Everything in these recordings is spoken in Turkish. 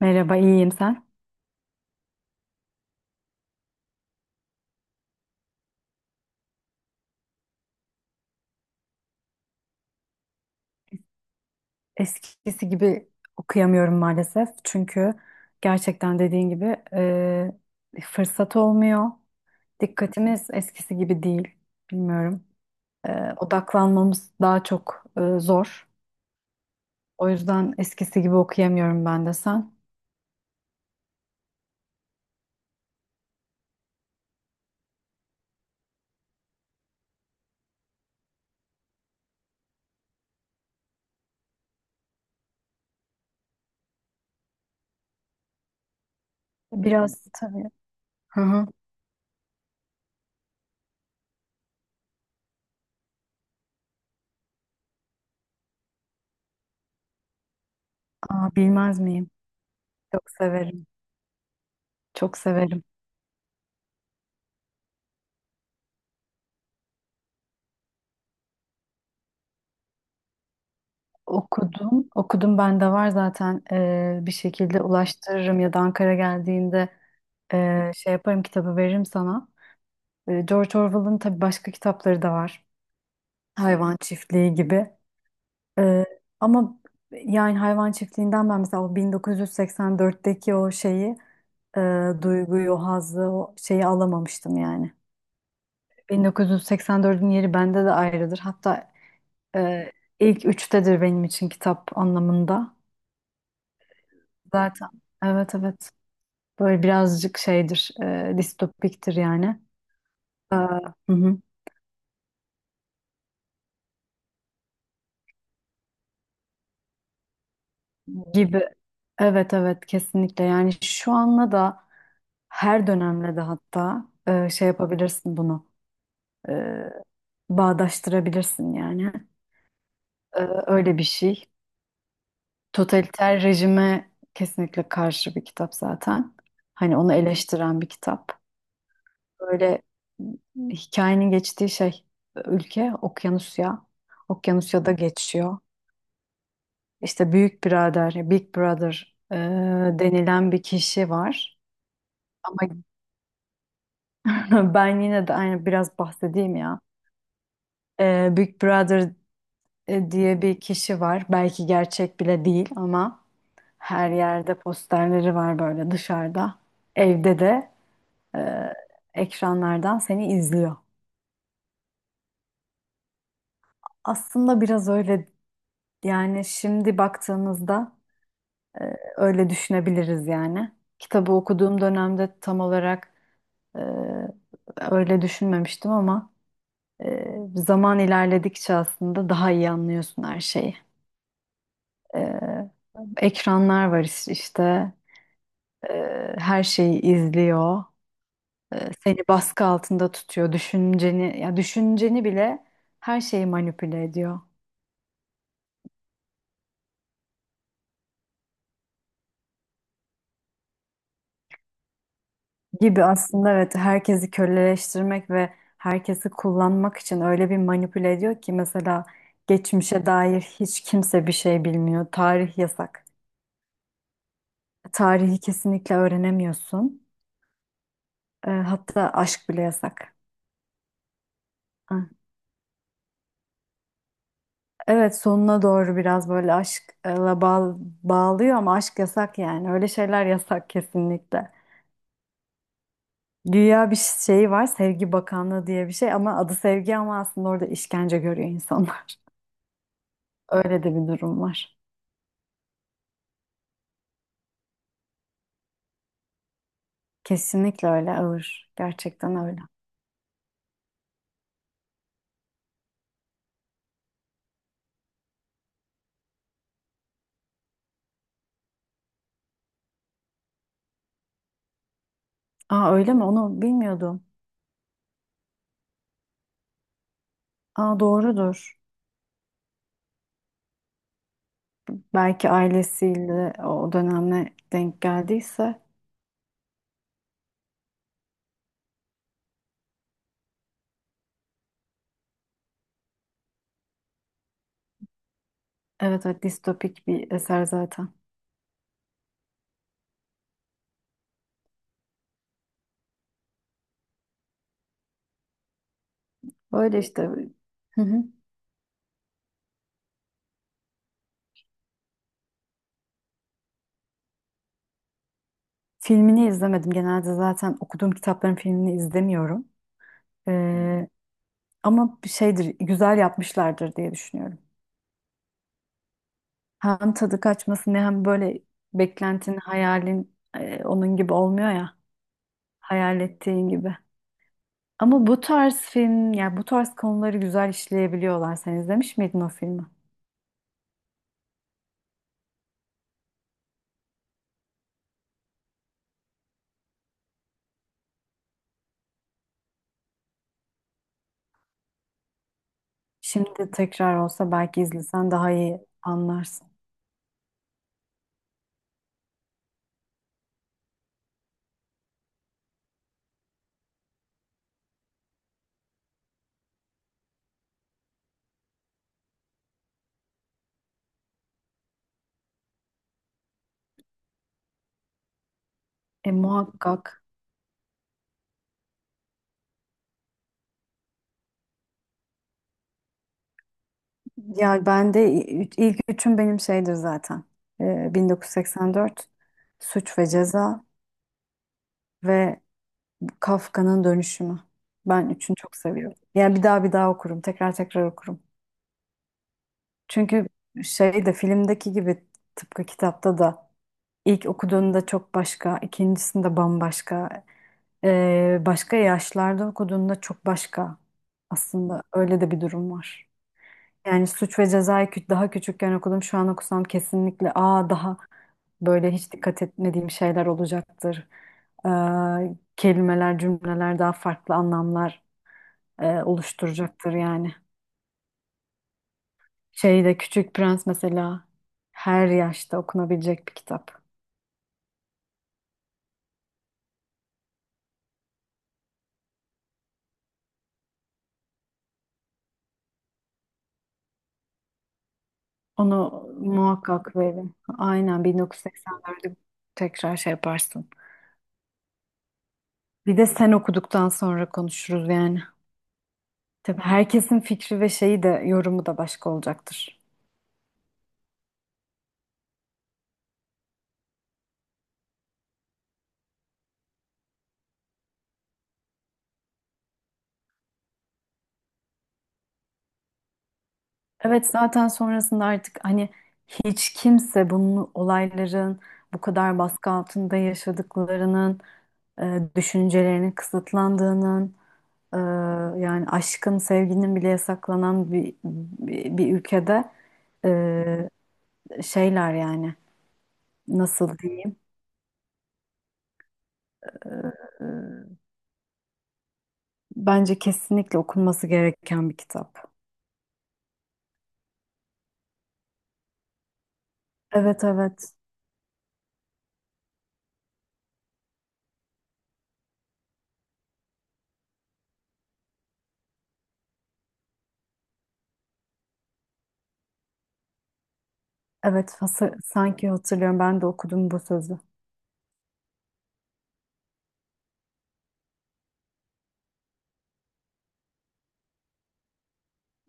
Merhaba, iyiyim sen? Eskisi gibi okuyamıyorum maalesef. Çünkü gerçekten dediğin gibi fırsat olmuyor. Dikkatimiz eskisi gibi değil. Bilmiyorum. E, odaklanmamız daha çok zor. O yüzden eskisi gibi okuyamıyorum ben de sen. Biraz tabii. Hı hı. Aa, bilmez miyim? Çok severim. Çok severim. Okudum. Okudum bende var zaten. Bir şekilde ulaştırırım ya da Ankara geldiğinde şey yaparım kitabı veririm sana. George Orwell'ın tabii başka kitapları da var. Hayvan Çiftliği gibi. Ee, ama yani Hayvan Çiftliği'nden ben mesela o 1984'teki o şeyi, e, duyguyu, o hazzı, o şeyi alamamıştım yani. 1984'ün yeri bende de ayrıdır. Hatta e, ilk üçtedir benim için kitap anlamında. Zaten evet, evet. Böyle birazcık şeydir, distopiktir yani. Ee, hı hı. Gibi. Evet, evet, kesinlikle yani şu anla da her dönemle de hatta şey yapabilirsin bunu e, bağdaştırabilirsin yani. E, öyle bir şey. Totaliter rejime kesinlikle karşı bir kitap zaten. Hani onu eleştiren bir kitap. Böyle hikayenin geçtiği şey ülke Okyanusya. Okyanusya'da geçiyor. İşte Büyük Birader, Big Brother denilen bir kişi var. Ama ben yine de aynı biraz bahsedeyim ya. Big Brother diye bir kişi var. Belki gerçek bile değil ama her yerde posterleri var böyle dışarıda. Evde de e, ekranlardan seni izliyor. Aslında biraz öyle yani şimdi baktığımızda öyle düşünebiliriz yani. Kitabı okuduğum dönemde tam olarak e, öyle düşünmemiştim ama zaman ilerledikçe aslında daha iyi anlıyorsun her şeyi. Ee, ekranlar var işte. Her şeyi izliyor. Seni baskı altında tutuyor. Düşünceni, ya düşünceni bile her şeyi manipüle ediyor gibi aslında. Evet, herkesi köleleştirmek ve herkesi kullanmak için öyle bir manipüle ediyor ki mesela geçmişe dair hiç kimse bir şey bilmiyor. Tarih yasak. Tarihi kesinlikle öğrenemiyorsun. Hatta aşk bile yasak. Evet, sonuna doğru biraz böyle aşkla bağlıyor ama aşk yasak yani. Öyle şeyler yasak kesinlikle. Dünya bir şey var, sevgi bakanlığı diye bir şey, ama adı sevgi, ama aslında orada işkence görüyor insanlar. Öyle de bir durum var. Kesinlikle öyle ağır. Gerçekten öyle. Aa öyle mi? Onu bilmiyordum. Aa, doğrudur. Belki ailesiyle o dönemle denk geldiyse. Evet, evet, distopik bir eser zaten. Öyle işte. Hı hı. Filmini izlemedim. Genelde zaten okuduğum kitapların filmini izlemiyorum. Ee, ama bir şeydir, güzel yapmışlardır diye düşünüyorum. Hem tadı kaçmasın ne, hem böyle beklentin, hayalin onun gibi olmuyor ya. Hayal ettiğin gibi. Ama bu tarz film, ya bu tarz konuları güzel işleyebiliyorlar. Sen izlemiş miydin o filmi? Şimdi tekrar olsa belki izlesen daha iyi anlarsın. E muhakkak. Ya ben de ilk üçüm benim şeydir zaten. 1984, Suç ve Ceza ve Kafka'nın Dönüşümü. Ben üçünü çok seviyorum. Yani bir daha bir daha okurum, tekrar tekrar okurum. Çünkü şey de filmdeki gibi tıpkı kitapta da ilk okuduğunda çok başka, ikincisinde bambaşka, başka yaşlarda okuduğunda çok başka. Aslında öyle de bir durum var. Yani Suç ve Ceza'yı daha küçükken okudum. Şu an okusam kesinlikle aa daha böyle hiç dikkat etmediğim şeyler olacaktır. Ee, kelimeler, cümleler daha farklı anlamlar oluşturacaktır yani. Şeyde Küçük Prens mesela her yaşta okunabilecek bir kitap. Onu muhakkak verin. Aynen 1984'ü tekrar şey yaparsın. Bir de sen okuduktan sonra konuşuruz yani. Tabii herkesin fikri ve şeyi de yorumu da başka olacaktır. Evet zaten sonrasında artık hani hiç kimse bunun olayların bu kadar baskı altında yaşadıklarının, düşüncelerinin kısıtlandığının, e, yani aşkın, sevginin bile yasaklanan bir ülkede e, şeyler yani nasıl diyeyim? E, bence kesinlikle okunması gereken bir kitap. Evet, evet. Evet, sanki hatırlıyorum, ben de okudum bu sözü.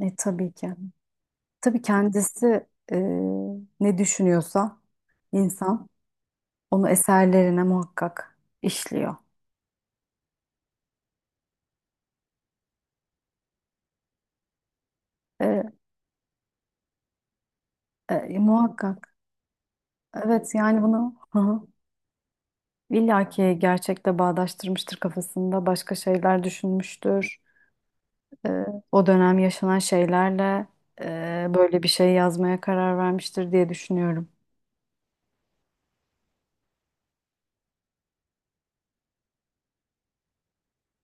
Tabii ki. Tabii kendisi e, ne düşünüyorsa insan onu eserlerine muhakkak işliyor. E, muhakkak. Evet yani bunu, hı hı, illa ki gerçekle bağdaştırmıştır kafasında. Başka şeyler düşünmüştür. E, o dönem yaşanan şeylerle böyle bir şey yazmaya karar vermiştir diye düşünüyorum.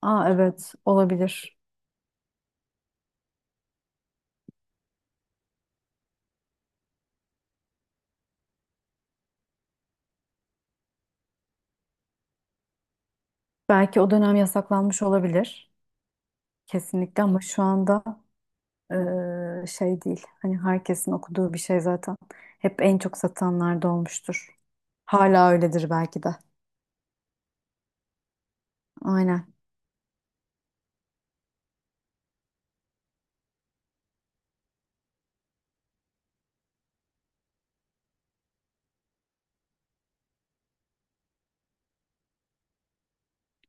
Aa evet, olabilir. Belki o dönem yasaklanmış olabilir. Kesinlikle ama şu anda şey değil. Hani herkesin okuduğu bir şey zaten. Hep en çok satanlarda olmuştur. Hala öyledir belki de. Aynen.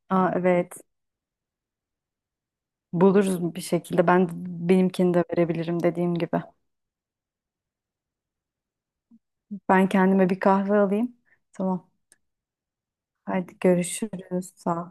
Aa, evet. Buluruz bir şekilde. Benimkini de verebilirim dediğim gibi. Ben kendime bir kahve alayım. Tamam. Hadi görüşürüz. Sağ ol.